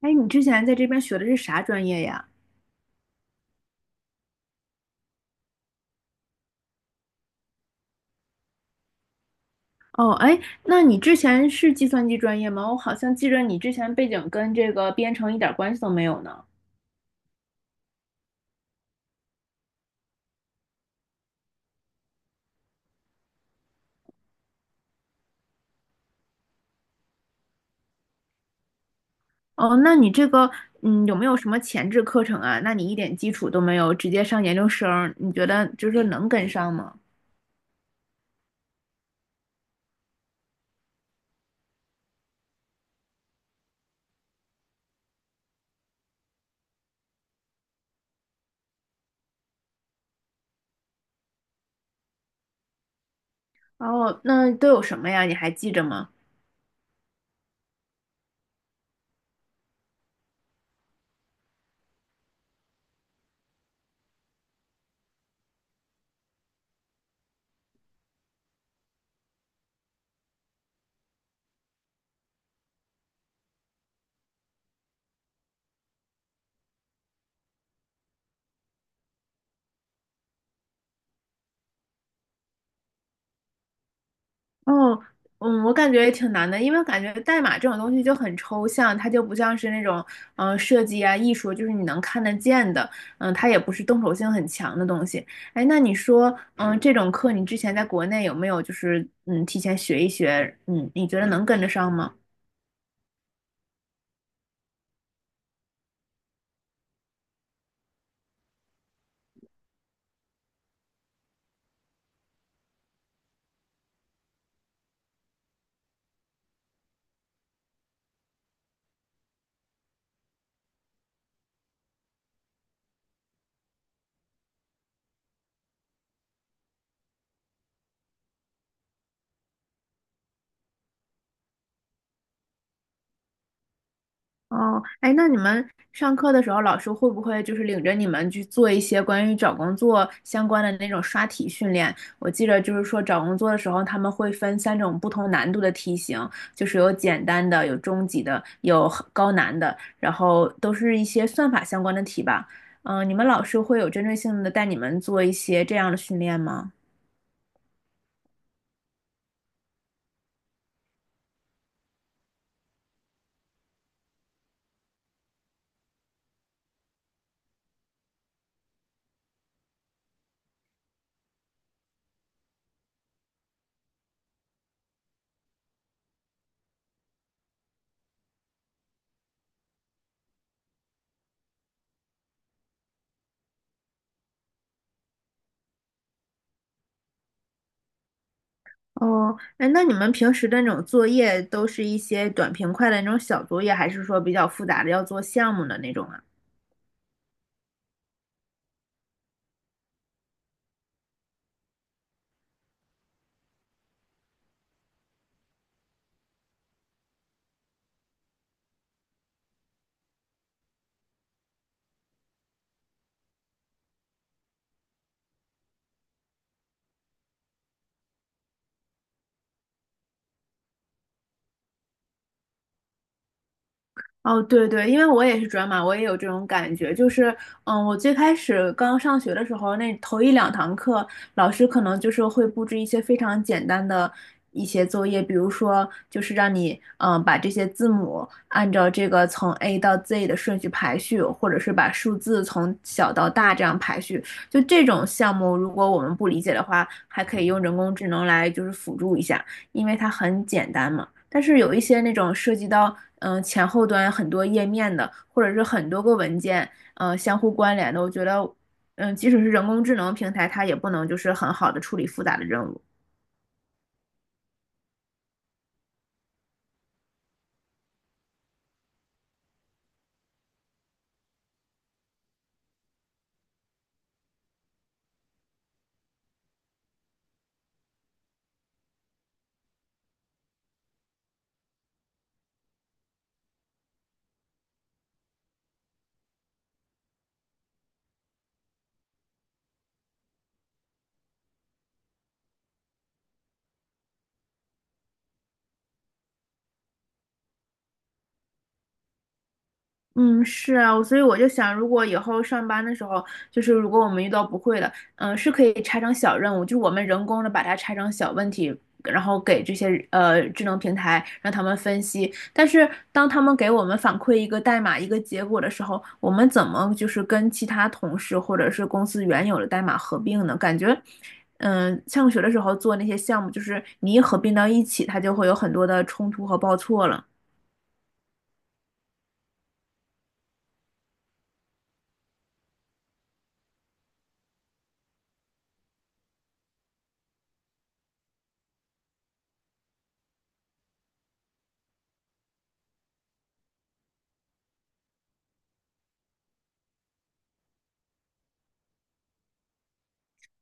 哎，你之前在这边学的是啥专业呀？哦，哎，那你之前是计算机专业吗？我好像记着你之前背景跟这个编程一点关系都没有呢。哦，那你这个，有没有什么前置课程啊？那你一点基础都没有，直接上研究生，你觉得就是说能跟上吗？哦，那都有什么呀？你还记着吗？哦，嗯，我感觉也挺难的，因为感觉代码这种东西就很抽象，它就不像是那种设计啊、艺术，就是你能看得见的，它也不是动手性很强的东西。哎，那你说，这种课你之前在国内有没有就是提前学一学？嗯，你觉得能跟得上吗？哦，哎，那你们上课的时候，老师会不会就是领着你们去做一些关于找工作相关的那种刷题训练？我记得就是说找工作的时候，他们会分三种不同难度的题型，就是有简单的、有中级的、有很高难的，然后都是一些算法相关的题吧。嗯，你们老师会有针对性的带你们做一些这样的训练吗？哦，哎，那你们平时的那种作业都是一些短平快的那种小作业，还是说比较复杂的要做项目的那种啊？哦，对对，因为我也是转码，我也有这种感觉。就是，嗯，我最开始刚上学的时候，那头一两堂课，老师可能就是会布置一些非常简单的一些作业，比如说，就是让你，把这些字母按照这个从 A 到 Z 的顺序排序，或者是把数字从小到大这样排序。就这种项目，如果我们不理解的话，还可以用人工智能来就是辅助一下，因为它很简单嘛。但是有一些那种涉及到前后端很多页面的，或者是很多个文件相互关联的，我觉得即使是人工智能平台，它也不能就是很好的处理复杂的任务。嗯，是啊，我所以我就想，如果以后上班的时候，就是如果我们遇到不会的，是可以拆成小任务，就是我们人工的把它拆成小问题，然后给这些智能平台让他们分析。但是当他们给我们反馈一个代码一个结果的时候，我们怎么就是跟其他同事或者是公司原有的代码合并呢？感觉，上学的时候做那些项目，就是你一合并到一起，它就会有很多的冲突和报错了。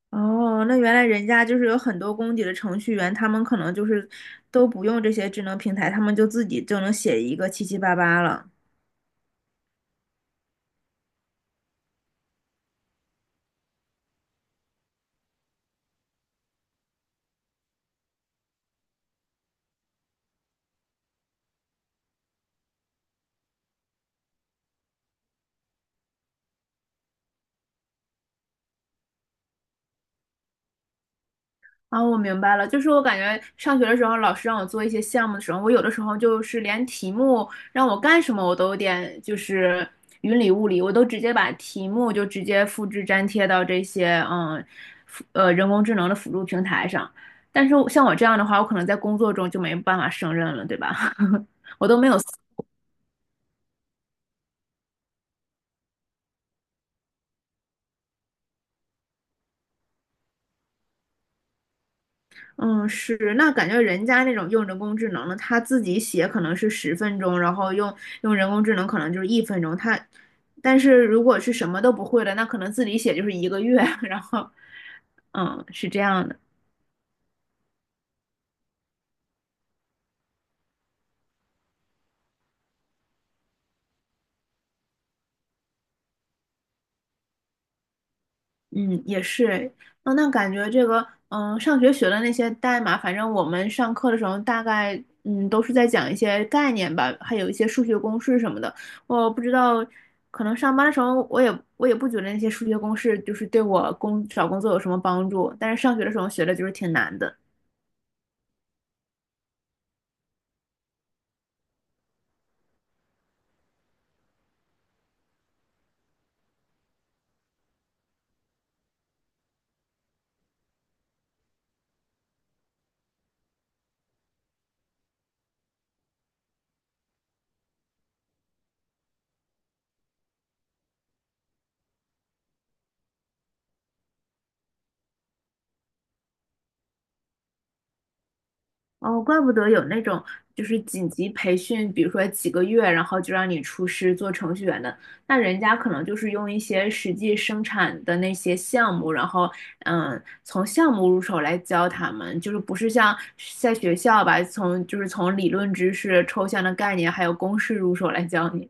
哦，那原来人家就是有很多功底的程序员，他们可能就是都不用这些智能平台，他们就自己就能写一个七七八八了。啊，我明白了，就是我感觉上学的时候，老师让我做一些项目的时候，我有的时候就是连题目让我干什么，我都有点就是云里雾里，我都直接把题目就直接复制粘贴到这些人工智能的辅助平台上。但是像我这样的话，我可能在工作中就没办法胜任了，对吧？我都没有思嗯，是，那感觉人家那种用人工智能的，他自己写可能是10分钟，然后用人工智能可能就是1分钟。他，但是如果是什么都不会的，那可能自己写就是1个月。然后，是这样的。嗯，也是，那感觉这个，上学学的那些代码，反正我们上课的时候大概，都是在讲一些概念吧，还有一些数学公式什么的。我不知道，可能上班的时候，我也不觉得那些数学公式就是对我找工作有什么帮助，但是上学的时候学的就是挺难的。哦，怪不得有那种就是紧急培训，比如说几个月，然后就让你出师做程序员的，那人家可能就是用一些实际生产的那些项目，然后从项目入手来教他们，就是不是像在学校吧，就是从理论知识、抽象的概念还有公式入手来教你。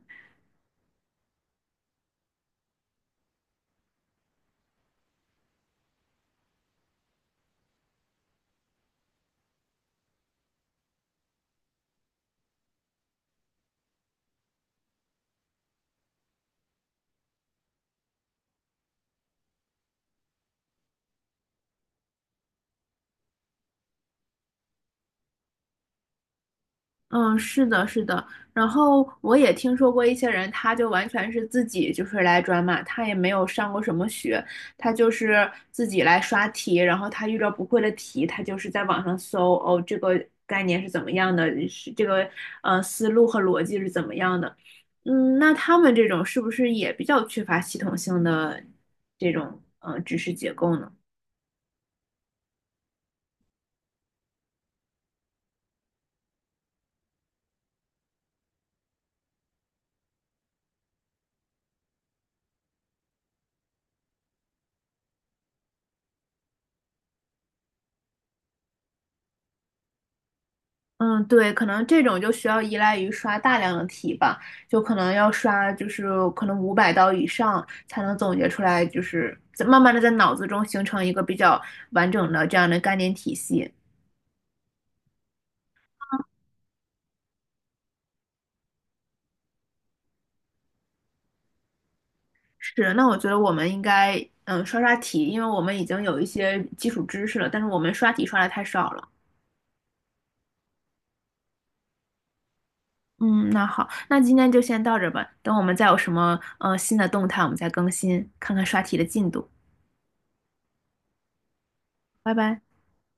嗯，是的，是的。然后我也听说过一些人，他就完全是自己就是来转码，他也没有上过什么学，他就是自己来刷题，然后他遇到不会的题，他就是在网上搜，哦，这个概念是怎么样的，是这个思路和逻辑是怎么样的。嗯，那他们这种是不是也比较缺乏系统性的这种知识结构呢？嗯，对，可能这种就需要依赖于刷大量的题吧，就可能要刷，就是可能500道以上才能总结出来，就是在慢慢的在脑子中形成一个比较完整的这样的概念体系。是，那我觉得我们应该刷刷题，因为我们已经有一些基础知识了，但是我们刷题刷的太少了。嗯，那好，那今天就先到这儿吧，等我们再有什么新的动态，我们再更新，看看刷题的进度。拜拜。